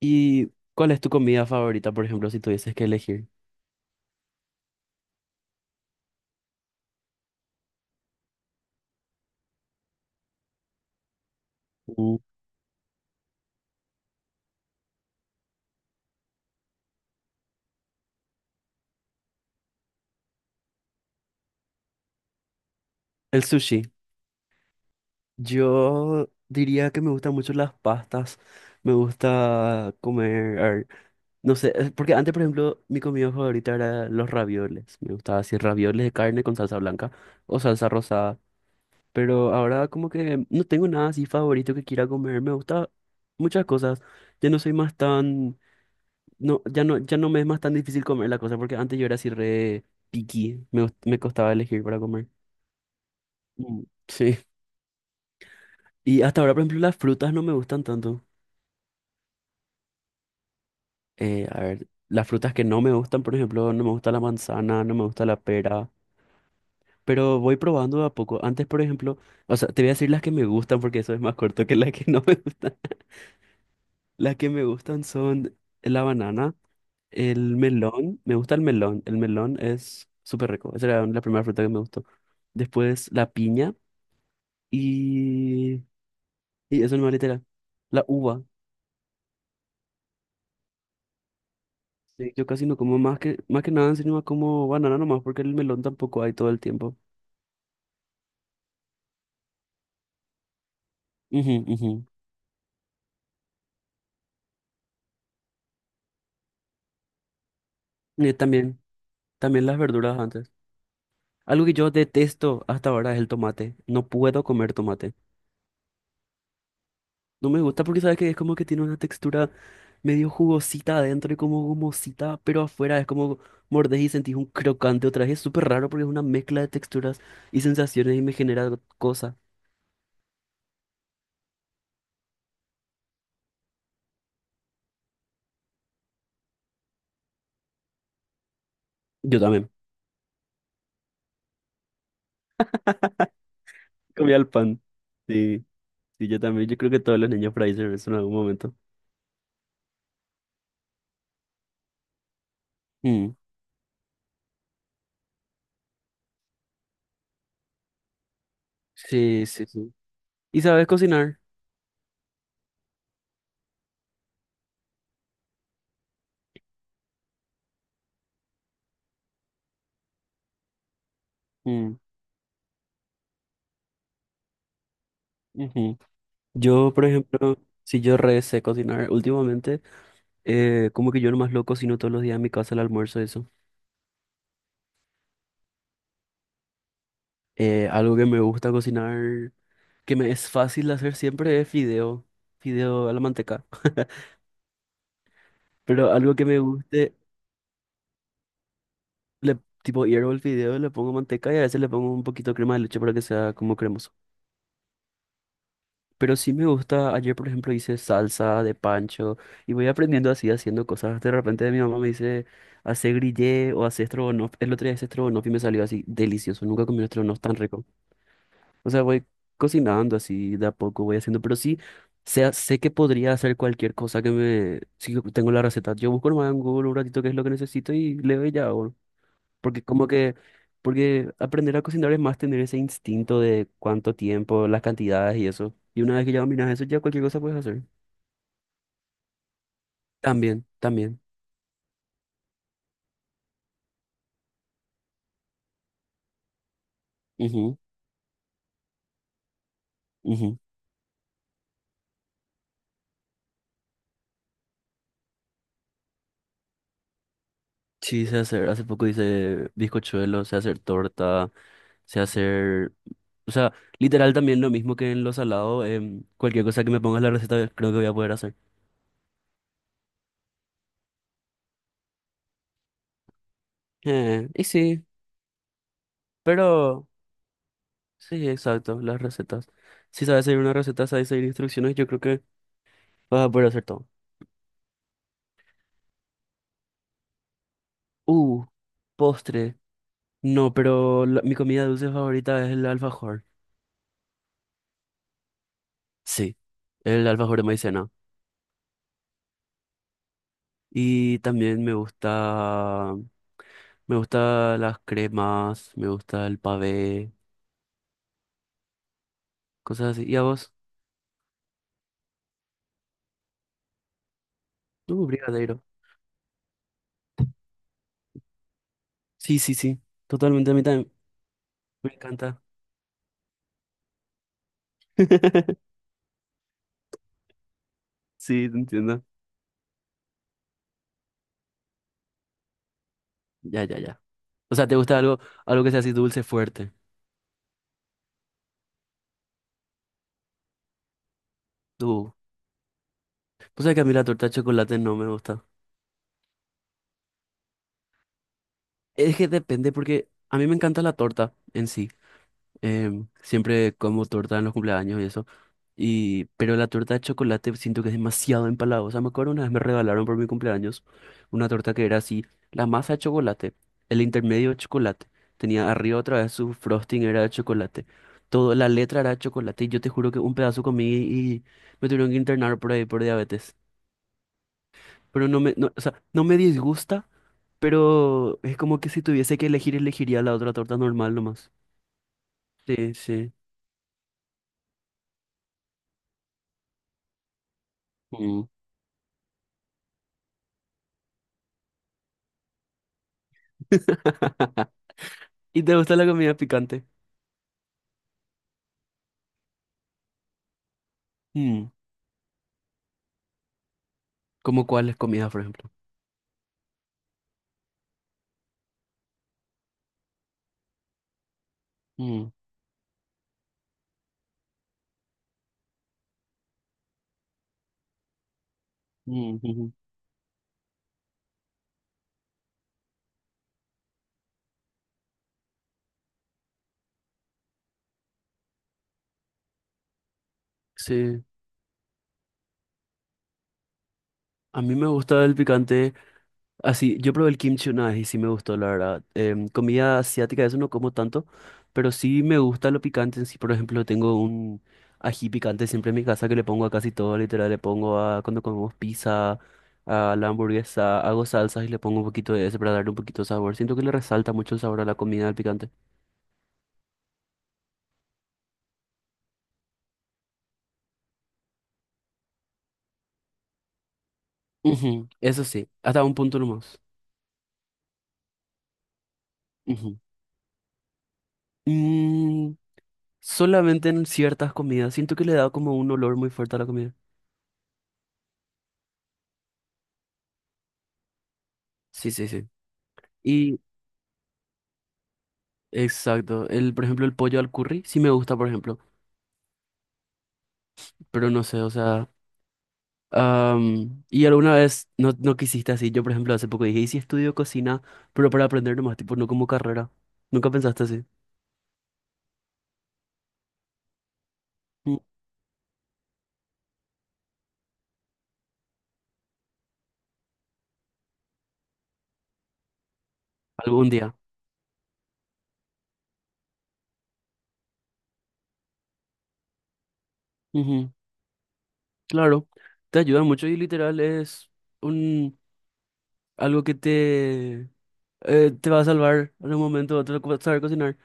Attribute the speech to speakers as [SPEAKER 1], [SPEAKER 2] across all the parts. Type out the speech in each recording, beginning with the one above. [SPEAKER 1] ¿Y cuál es tu comida favorita, por ejemplo, si tuvieses que elegir? Uh, El sushi. Yo diría que me gustan mucho las pastas. Me gusta comer, a ver, no sé, es porque antes, por ejemplo, mi comida favorita era los ravioles. Me gustaba así ravioles de carne con salsa blanca o salsa rosada. Pero ahora como que no tengo nada así favorito que quiera comer. Me gusta muchas cosas. Ya no soy más tan. No, ya no, ya no me es más tan difícil comer la cosa porque antes yo era así re picky, me costaba elegir para comer. Sí. Y hasta ahora, por ejemplo, las frutas no me gustan tanto. A ver, las frutas que no me gustan, por ejemplo, no me gusta la manzana, no me gusta la pera, pero voy probando de a poco. Antes, por ejemplo, o sea, te voy a decir las que me gustan porque eso es más corto que las que no me gustan. Las que me gustan son la banana, el melón, me gusta el melón es súper rico, esa era la primera fruta que me gustó. Después la piña. Y, y eso nomás literal. La uva. Sí, yo casi no como más que nada, encima como banana nomás, porque el melón tampoco hay todo el tiempo. Ujú, ujú. También, también las verduras antes. Algo que yo detesto hasta ahora es el tomate. No puedo comer tomate. No me gusta porque sabes que es como que tiene una textura medio jugosita adentro y como gomosita, pero afuera es como mordés y sentís un crocante otra vez. Es súper raro porque es una mezcla de texturas y sensaciones y me genera cosa. Yo también. Comía el pan. Sí, sí, yo también. Yo creo que todos los niños por ahí hicieron eso en algún momento. Mm. Sí, sí, sí. ¿Y sabes cocinar? Mm, ujú. Yo, por ejemplo, si yo re sé cocinar últimamente, como que yo nomás lo cocino todos los días en mi casa el almuerzo, eso. Algo que me gusta cocinar, que me es fácil de hacer siempre es fideo. Fideo a la manteca. Pero algo que me guste, le, tipo hiervo el fideo, le pongo manteca y a veces le pongo un poquito de crema de leche para que sea como cremoso. Pero sí me gusta, ayer por ejemplo hice salsa de pancho y voy aprendiendo así haciendo cosas. De repente mi mamá me dice, hace grillé o hace estrogonoff. El otro día hice estrogonoff y me salió así delicioso. Nunca comí un estrogonoff tan rico. O sea, voy cocinando así de a poco, voy haciendo. Pero sí, sé que podría hacer cualquier cosa que me... Si yo tengo la receta, yo busco nomás en Google un ratito qué es lo que necesito y leo y ya. Porque como que, porque aprender a cocinar es más tener ese instinto de cuánto tiempo, las cantidades y eso. Y una vez que ya dominas eso, ya cualquier cosa puedes hacer. También, también. Ujú, ujú. Sí, sé hacer, hace poco hice bizcochuelo, sé hacer torta, sé hacer, o sea, literal también lo mismo que en los salados, cualquier cosa que me pongas la receta creo que voy a poder hacer. Eh, y sí, pero sí, exacto, las recetas. Si sabes seguir una receta, sabes seguir instrucciones, yo creo que vas a poder hacer todo. Uh, postre. No, pero mi comida dulce favorita es el alfajor. Sí, el alfajor de maicena. Y también me gusta las cremas, me gusta el pavé, cosas así. ¿Y a vos? No, brigadeiro. Sí, sí, sí. Totalmente a mí también. Me encanta. Sí, te entiendo. Ya, ya, ya. O sea, ¿te gusta algo, algo que sea así dulce fuerte? Uh, pues sabes que a mí la torta de chocolate no me gusta. Es que depende porque a mí me encanta la torta en sí. Siempre como torta en los cumpleaños y eso. Y, pero la torta de chocolate siento que es demasiado empalagosa. Me acuerdo una vez me regalaron por mi cumpleaños una torta que era así, la masa de chocolate, el intermedio de chocolate. Tenía arriba otra vez, su frosting era de chocolate. Todo, la letra era de chocolate y yo te juro que un pedazo comí y me tuvieron que internar por ahí por diabetes. Pero no me, no, o sea, no me disgusta, pero es como que si tuviese que elegir, elegiría la otra torta normal nomás. Sí, sí. ¿Y te gusta la comida picante? Mm. ¿Cómo cuáles comidas, por ejemplo? Mm, mm, ujú. Sí, a mí me gusta el picante. Así, yo probé el kimchi una vez y sí me gustó, la verdad. Comida asiática, eso no como tanto, pero sí me gusta lo picante. En sí, por ejemplo, tengo un ají picante siempre en mi casa que le pongo a casi todo, literal. Le pongo a cuando comemos pizza, a la hamburguesa, hago salsas y le pongo un poquito de ese para darle un poquito de sabor. Siento que le resalta mucho el sabor a la comida, el picante. Ujú, eso sí, hasta un punto nomás. Ujú. Mm, solamente en ciertas comidas. Siento que le da como un olor muy fuerte a la comida. Sí, sí, sí. Y exacto. El, por ejemplo, el pollo al curry sí me gusta, por ejemplo. Pero no sé, o sea. ¿Y alguna vez no, no quisiste así? Yo, por ejemplo, hace poco dije, ¿y si estudio cocina? Pero para aprender nomás, tipo, no como carrera. ¿Nunca pensaste así? Mm, algún día. Ujú, claro. Te ayuda mucho y literal es un algo que te te va a salvar en un momento u otro saber cocinar.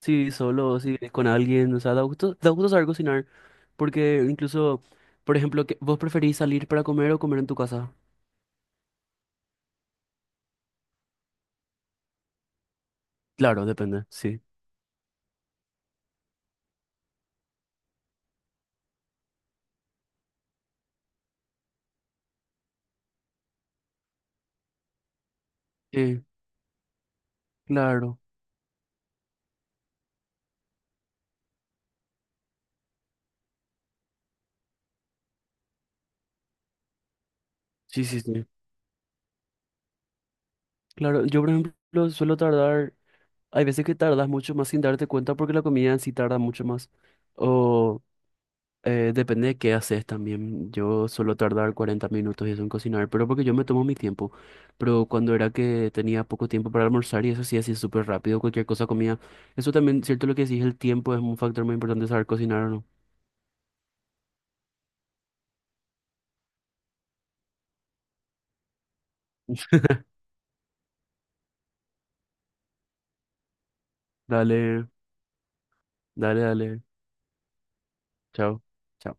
[SPEAKER 1] Si solo, o si vienes con alguien, o sea, da gusto saber cocinar. Porque incluso, por ejemplo, que ¿vos preferís salir para comer o comer en tu casa? Claro, depende, sí. Sí, claro. Sí, sí, sí. Claro, yo por ejemplo suelo tardar, hay veces que tardas mucho más sin darte cuenta porque la comida en sí tarda mucho más. O eh, depende de qué haces también. Yo suelo tardar 40 minutos y eso en cocinar, pero porque yo me tomo mi tiempo. Pero cuando era que tenía poco tiempo para almorzar y eso sí, así súper rápido, cualquier cosa comía. Eso también, cierto lo que decís, el tiempo es un factor muy importante saber cocinar o no. Dale, dale, dale. Chao, chao.